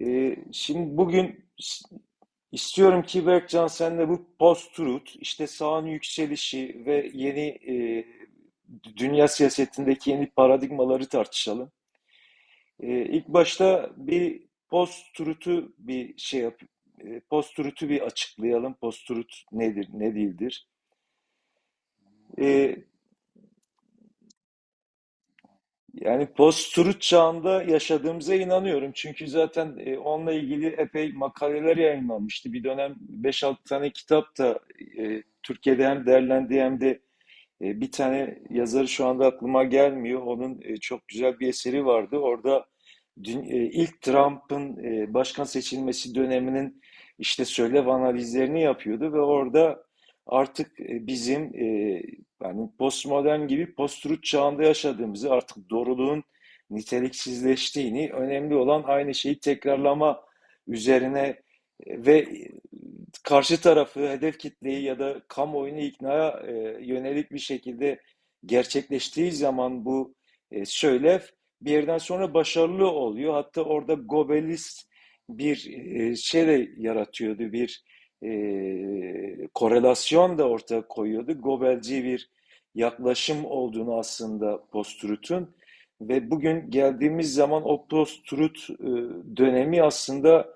Şimdi bugün istiyorum ki Berkcan sen de bu post-truth, işte sağın yükselişi ve yeni dünya siyasetindeki yeni paradigmaları tartışalım. İlk başta bir post-truth'u bir şey post-truth'u bir açıklayalım. Post-truth nedir, ne değildir? Ee, Yani post-truth çağında yaşadığımıza inanıyorum. Çünkü zaten onunla ilgili epey makaleler yayınlanmıştı. Bir dönem beş altı tane kitap da Türkiye'de hem derlendi hem de bir tane yazarı şu anda aklıma gelmiyor. Onun çok güzel bir eseri vardı. Orada ilk Trump'ın başkan seçilmesi döneminin işte söylev analizlerini yapıyordu ve orada artık bizim yani postmodern gibi post-truth çağında yaşadığımızı, artık doğruluğun niteliksizleştiğini, önemli olan aynı şeyi tekrarlama üzerine ve karşı tarafı, hedef kitleyi ya da kamuoyunu iknaya yönelik bir şekilde gerçekleştiği zaman bu söylev bir yerden sonra başarılı oluyor. Hatta orada Gobelist bir şey de yaratıyordu, bir e, korelasyon da ortaya koyuyordu. Gobelci bir yaklaşım olduğunu aslında post-truth'un ve bugün geldiğimiz zaman o post-truth dönemi aslında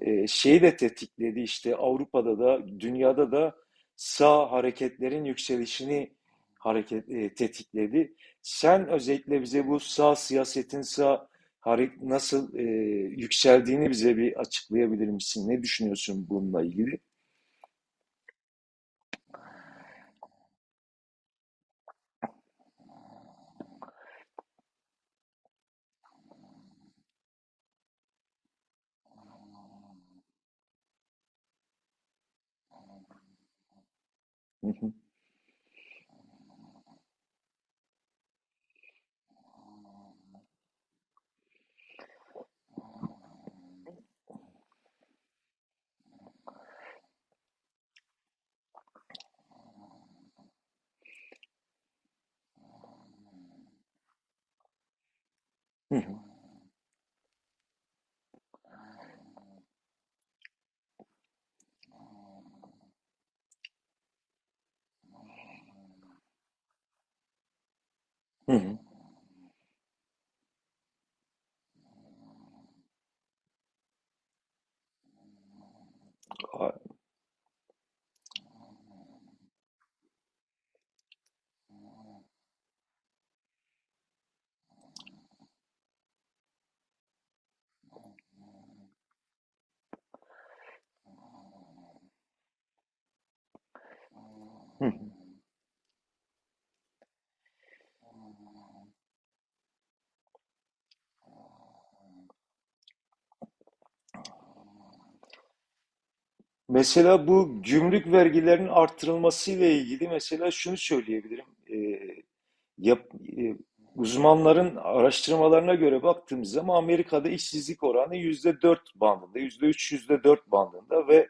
şeyi de tetikledi işte Avrupa'da da dünyada da sağ hareketlerin yükselişini tetikledi. Sen özellikle bize bu sağ siyasetin nasıl yükseldiğini bize bir açıklayabilir misin? Ne düşünüyorsun bununla ilgili? Hı hı, hı hı, hı hı. Mesela bu gümrük vergilerinin arttırılmasıyla ilgili mesela şunu söyleyebilirim. E, yap, e, Uzmanların araştırmalarına göre baktığımız zaman Amerika'da işsizlik oranı %4 bandında, %3 yüzde dört bandında ve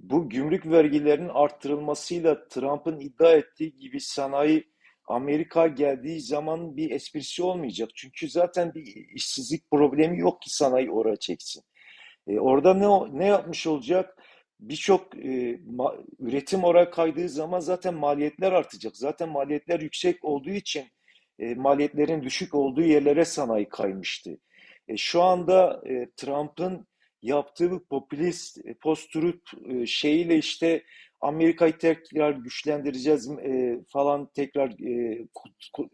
bu gümrük vergilerinin arttırılmasıyla Trump'ın iddia ettiği gibi sanayi Amerika geldiği zaman bir esprisi olmayacak. Çünkü zaten bir işsizlik problemi yok ki sanayi oraya çeksin. Orada ne yapmış olacak? Birçok üretim oraya kaydığı zaman zaten maliyetler artacak. Zaten maliyetler yüksek olduğu için maliyetlerin düşük olduğu yerlere sanayi kaymıştı. Şu anda Trump'ın yaptığı bu popülist post-truth şeyiyle işte Amerika'yı tekrar güçlendireceğiz falan tekrar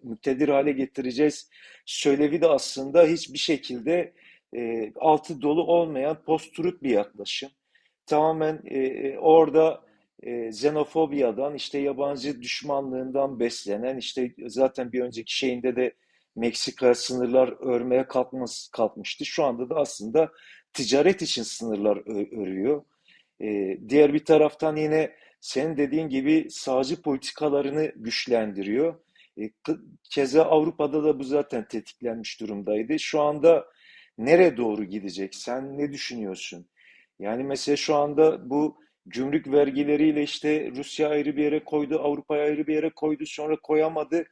muktedir hale getireceğiz söylevi de aslında hiçbir şekilde altı dolu olmayan post-truth bir yaklaşım. Tamamen orada xenofobiyadan, işte yabancı düşmanlığından beslenen, işte zaten bir önceki şeyinde de Meksika sınırlar örmeye kalkmıştı. Şu anda da aslında ticaret için sınırlar örüyor. Diğer bir taraftan yine senin dediğin gibi sağcı politikalarını güçlendiriyor. E, Keza Avrupa'da da bu zaten tetiklenmiş durumdaydı. Şu anda nereye doğru gidecek? Sen ne düşünüyorsun? Yani mesela şu anda bu gümrük vergileriyle işte Rusya ayrı bir yere koydu, Avrupa ayrı bir yere koydu, sonra koyamadı.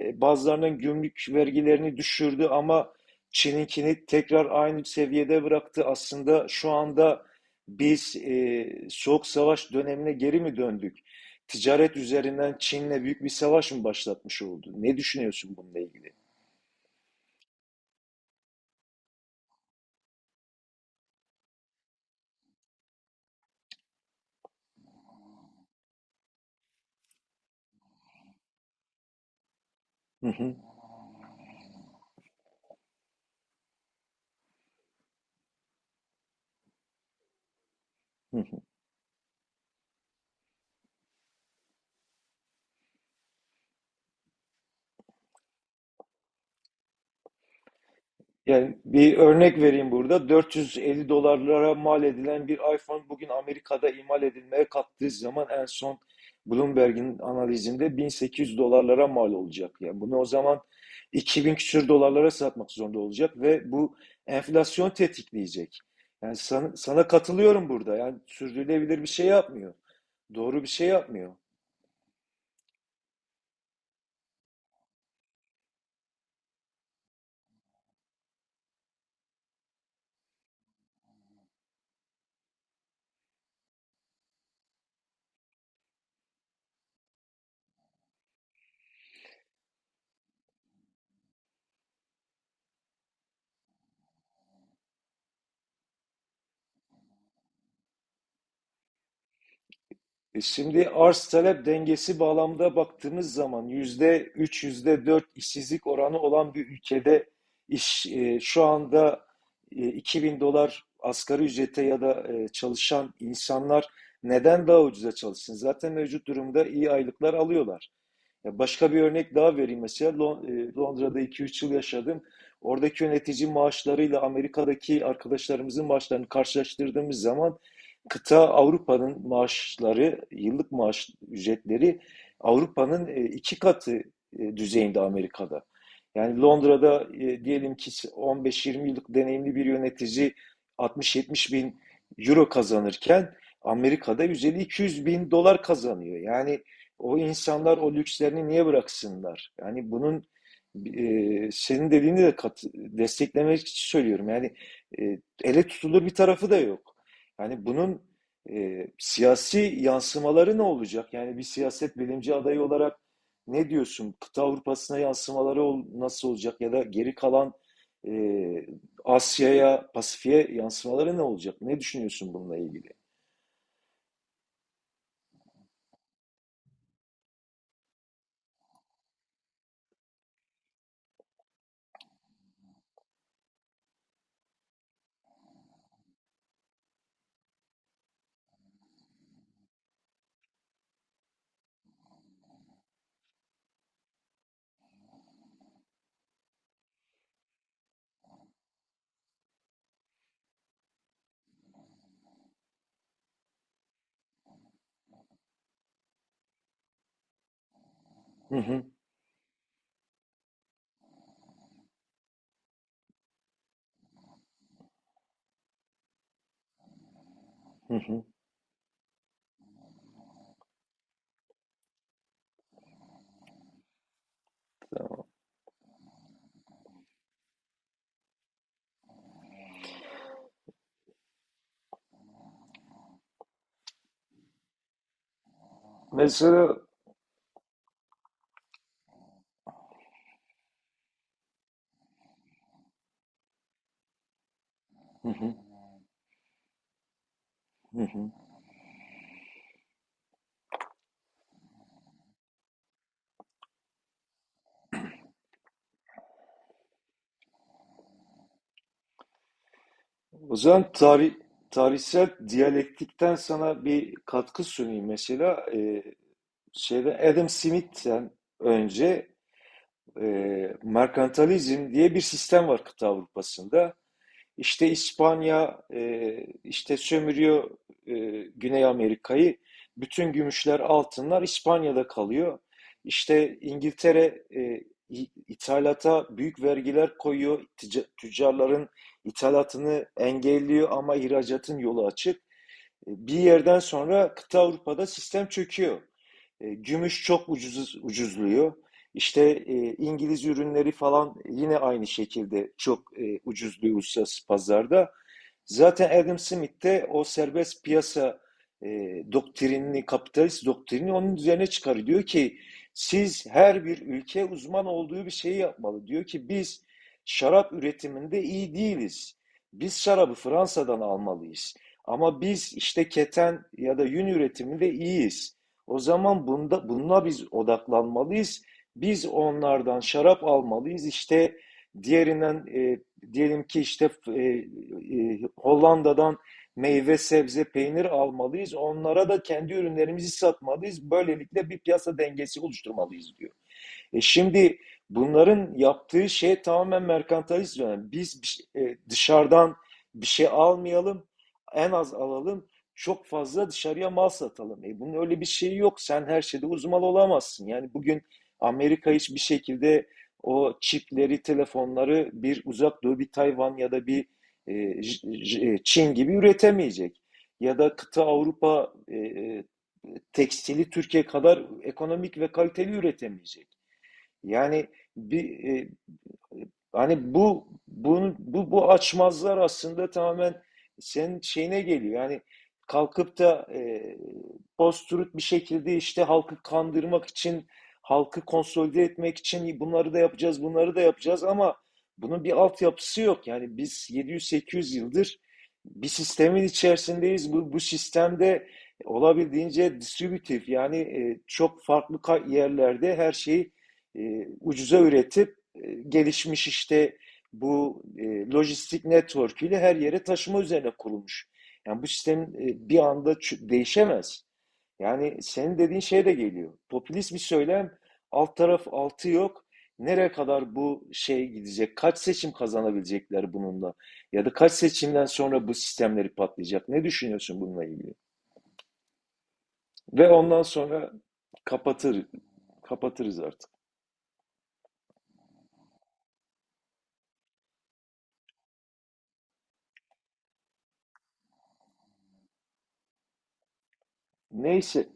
Bazılarının gümrük vergilerini düşürdü ama Çin'inkini tekrar aynı seviyede bıraktı. Aslında şu anda biz soğuk savaş dönemine geri mi döndük? Ticaret üzerinden Çin'le büyük bir savaş mı başlatmış oldu? Ne düşünüyorsun bununla ilgili? Hı, hı. Yani bir örnek vereyim burada. 450 dolarlara mal edilen bir iPhone bugün Amerika'da imal edilmeye kalktığı zaman en son Bloomberg'in analizinde 1800 dolarlara mal olacak. Yani bunu o zaman 2000 küsür dolarlara satmak zorunda olacak ve bu enflasyon tetikleyecek. Yani sana katılıyorum burada. Yani sürdürülebilir bir şey yapmıyor. Doğru bir şey yapmıyor. Şimdi arz talep dengesi bağlamda baktığımız zaman %3, yüzde dört işsizlik oranı olan bir ülkede şu anda 2.000 dolar asgari ücrete ya da çalışan insanlar neden daha ucuza çalışsın? Zaten mevcut durumda iyi aylıklar alıyorlar. Ya başka bir örnek daha vereyim mesela Londra'da 2-3 yıl yaşadım. Oradaki yönetici maaşlarıyla Amerika'daki arkadaşlarımızın maaşlarını karşılaştırdığımız zaman kıta Avrupa'nın maaşları, yıllık maaş ücretleri Avrupa'nın iki katı düzeyinde Amerika'da. Yani Londra'da diyelim ki 15-20 yıllık deneyimli bir yönetici 60-70 bin euro kazanırken Amerika'da 150-200 bin dolar kazanıyor. Yani o insanlar o lükslerini niye bıraksınlar? Yani bunun senin dediğini de desteklemek için söylüyorum. Yani ele tutulur bir tarafı da yok. Yani bunun siyasi yansımaları ne olacak? Yani bir siyaset bilimci adayı olarak ne diyorsun? Kıta Avrupa'sına yansımaları nasıl olacak? Ya da geri kalan e, Asya'ya, Pasifik'e yansımaları ne olacak? Ne düşünüyorsun bununla ilgili? Hı hı, hı hı. Mesela hı hı, hı hı. O zaman tarihsel diyalektikten sana bir katkı sunayım. Mesela şeyde Adam Smith'ten önce e, merkantilizm diye bir sistem var kıta Avrupa'sında. İşte İspanya işte sömürüyor Güney Amerika'yı. Bütün gümüşler, altınlar İspanya'da kalıyor. İşte İngiltere ithalata büyük vergiler koyuyor. Tüccarların ithalatını engelliyor ama ihracatın yolu açık. Bir yerden sonra kıta Avrupa'da sistem çöküyor. Gümüş çok ucuzluyor. İşte İngiliz ürünleri falan yine aynı şekilde çok ucuzluyor uluslararası pazarda. Zaten Adam Smith de o serbest piyasa e, doktrinini, kapitalist doktrinini onun üzerine çıkarıyor. Diyor ki siz her bir ülke uzman olduğu bir şeyi yapmalı. Diyor ki biz şarap üretiminde iyi değiliz. Biz şarabı Fransa'dan almalıyız. Ama biz işte keten ya da yün üretiminde iyiyiz. O zaman bunda, bununla biz odaklanmalıyız. Biz onlardan şarap almalıyız. İşte diğerinden diyelim ki işte Hollanda'dan meyve, sebze, peynir almalıyız. Onlara da kendi ürünlerimizi satmalıyız. Böylelikle bir piyasa dengesi oluşturmalıyız diyor. Şimdi bunların yaptığı şey tamamen merkantilizm. Yani biz dışarıdan bir şey almayalım, en az alalım, çok fazla dışarıya mal satalım. Bunun öyle bir şeyi yok. Sen her şeyde uzman olamazsın. Yani bugün Amerika hiçbir şekilde o çipleri, telefonları bir uzak doğu, bir Tayvan ya da bir e, Çin gibi üretemeyecek. Ya da kıta Avrupa tekstili Türkiye kadar ekonomik ve kaliteli üretemeyecek. Yani bir e, hani bu bunu bu bu açmazlar aslında tamamen senin şeyine geliyor. Yani kalkıp da post-truth bir şekilde işte halkı kandırmak için, halkı konsolide etmek için bunları da yapacağız, bunları da yapacağız ama bunun bir altyapısı yok. Yani biz 700-800 yıldır bir sistemin içerisindeyiz. Bu sistemde olabildiğince distribütif yani çok farklı yerlerde her şeyi e, ucuza üretip gelişmiş işte bu lojistik network ile her yere taşıma üzerine kurulmuş. Yani bu sistem bir anda değişemez. Yani senin dediğin şey de geliyor. Popülist bir söylem, alt taraf altı yok. Nereye kadar bu şey gidecek? Kaç seçim kazanabilecekler bununla? Ya da kaç seçimden sonra bu sistemleri patlayacak? Ne düşünüyorsun bununla ilgili? Ve ondan sonra kapatır, kapatırız artık. Neyse.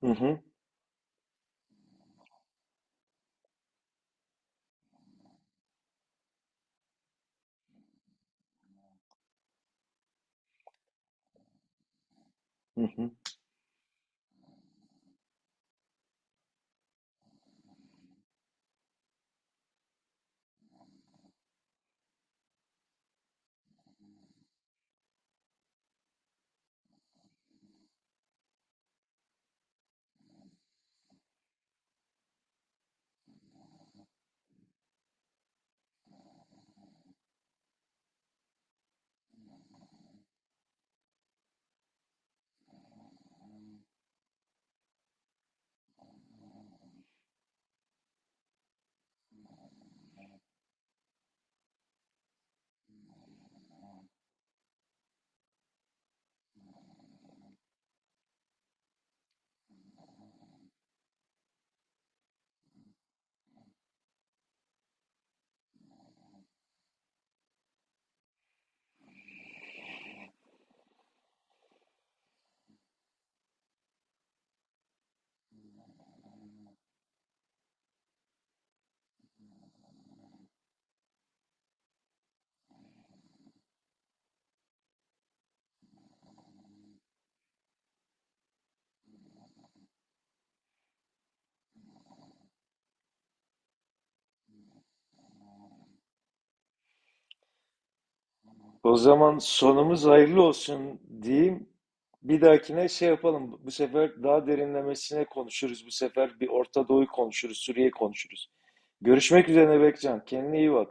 Hı hı, hı hı. O zaman sonumuz hayırlı olsun diyeyim. Bir dahakine şey yapalım. Bu sefer daha derinlemesine konuşuruz. Bu sefer bir Orta Doğu'yu konuşuruz, Suriye'yi konuşuruz. Görüşmek üzere Bekcan. Kendine iyi bak.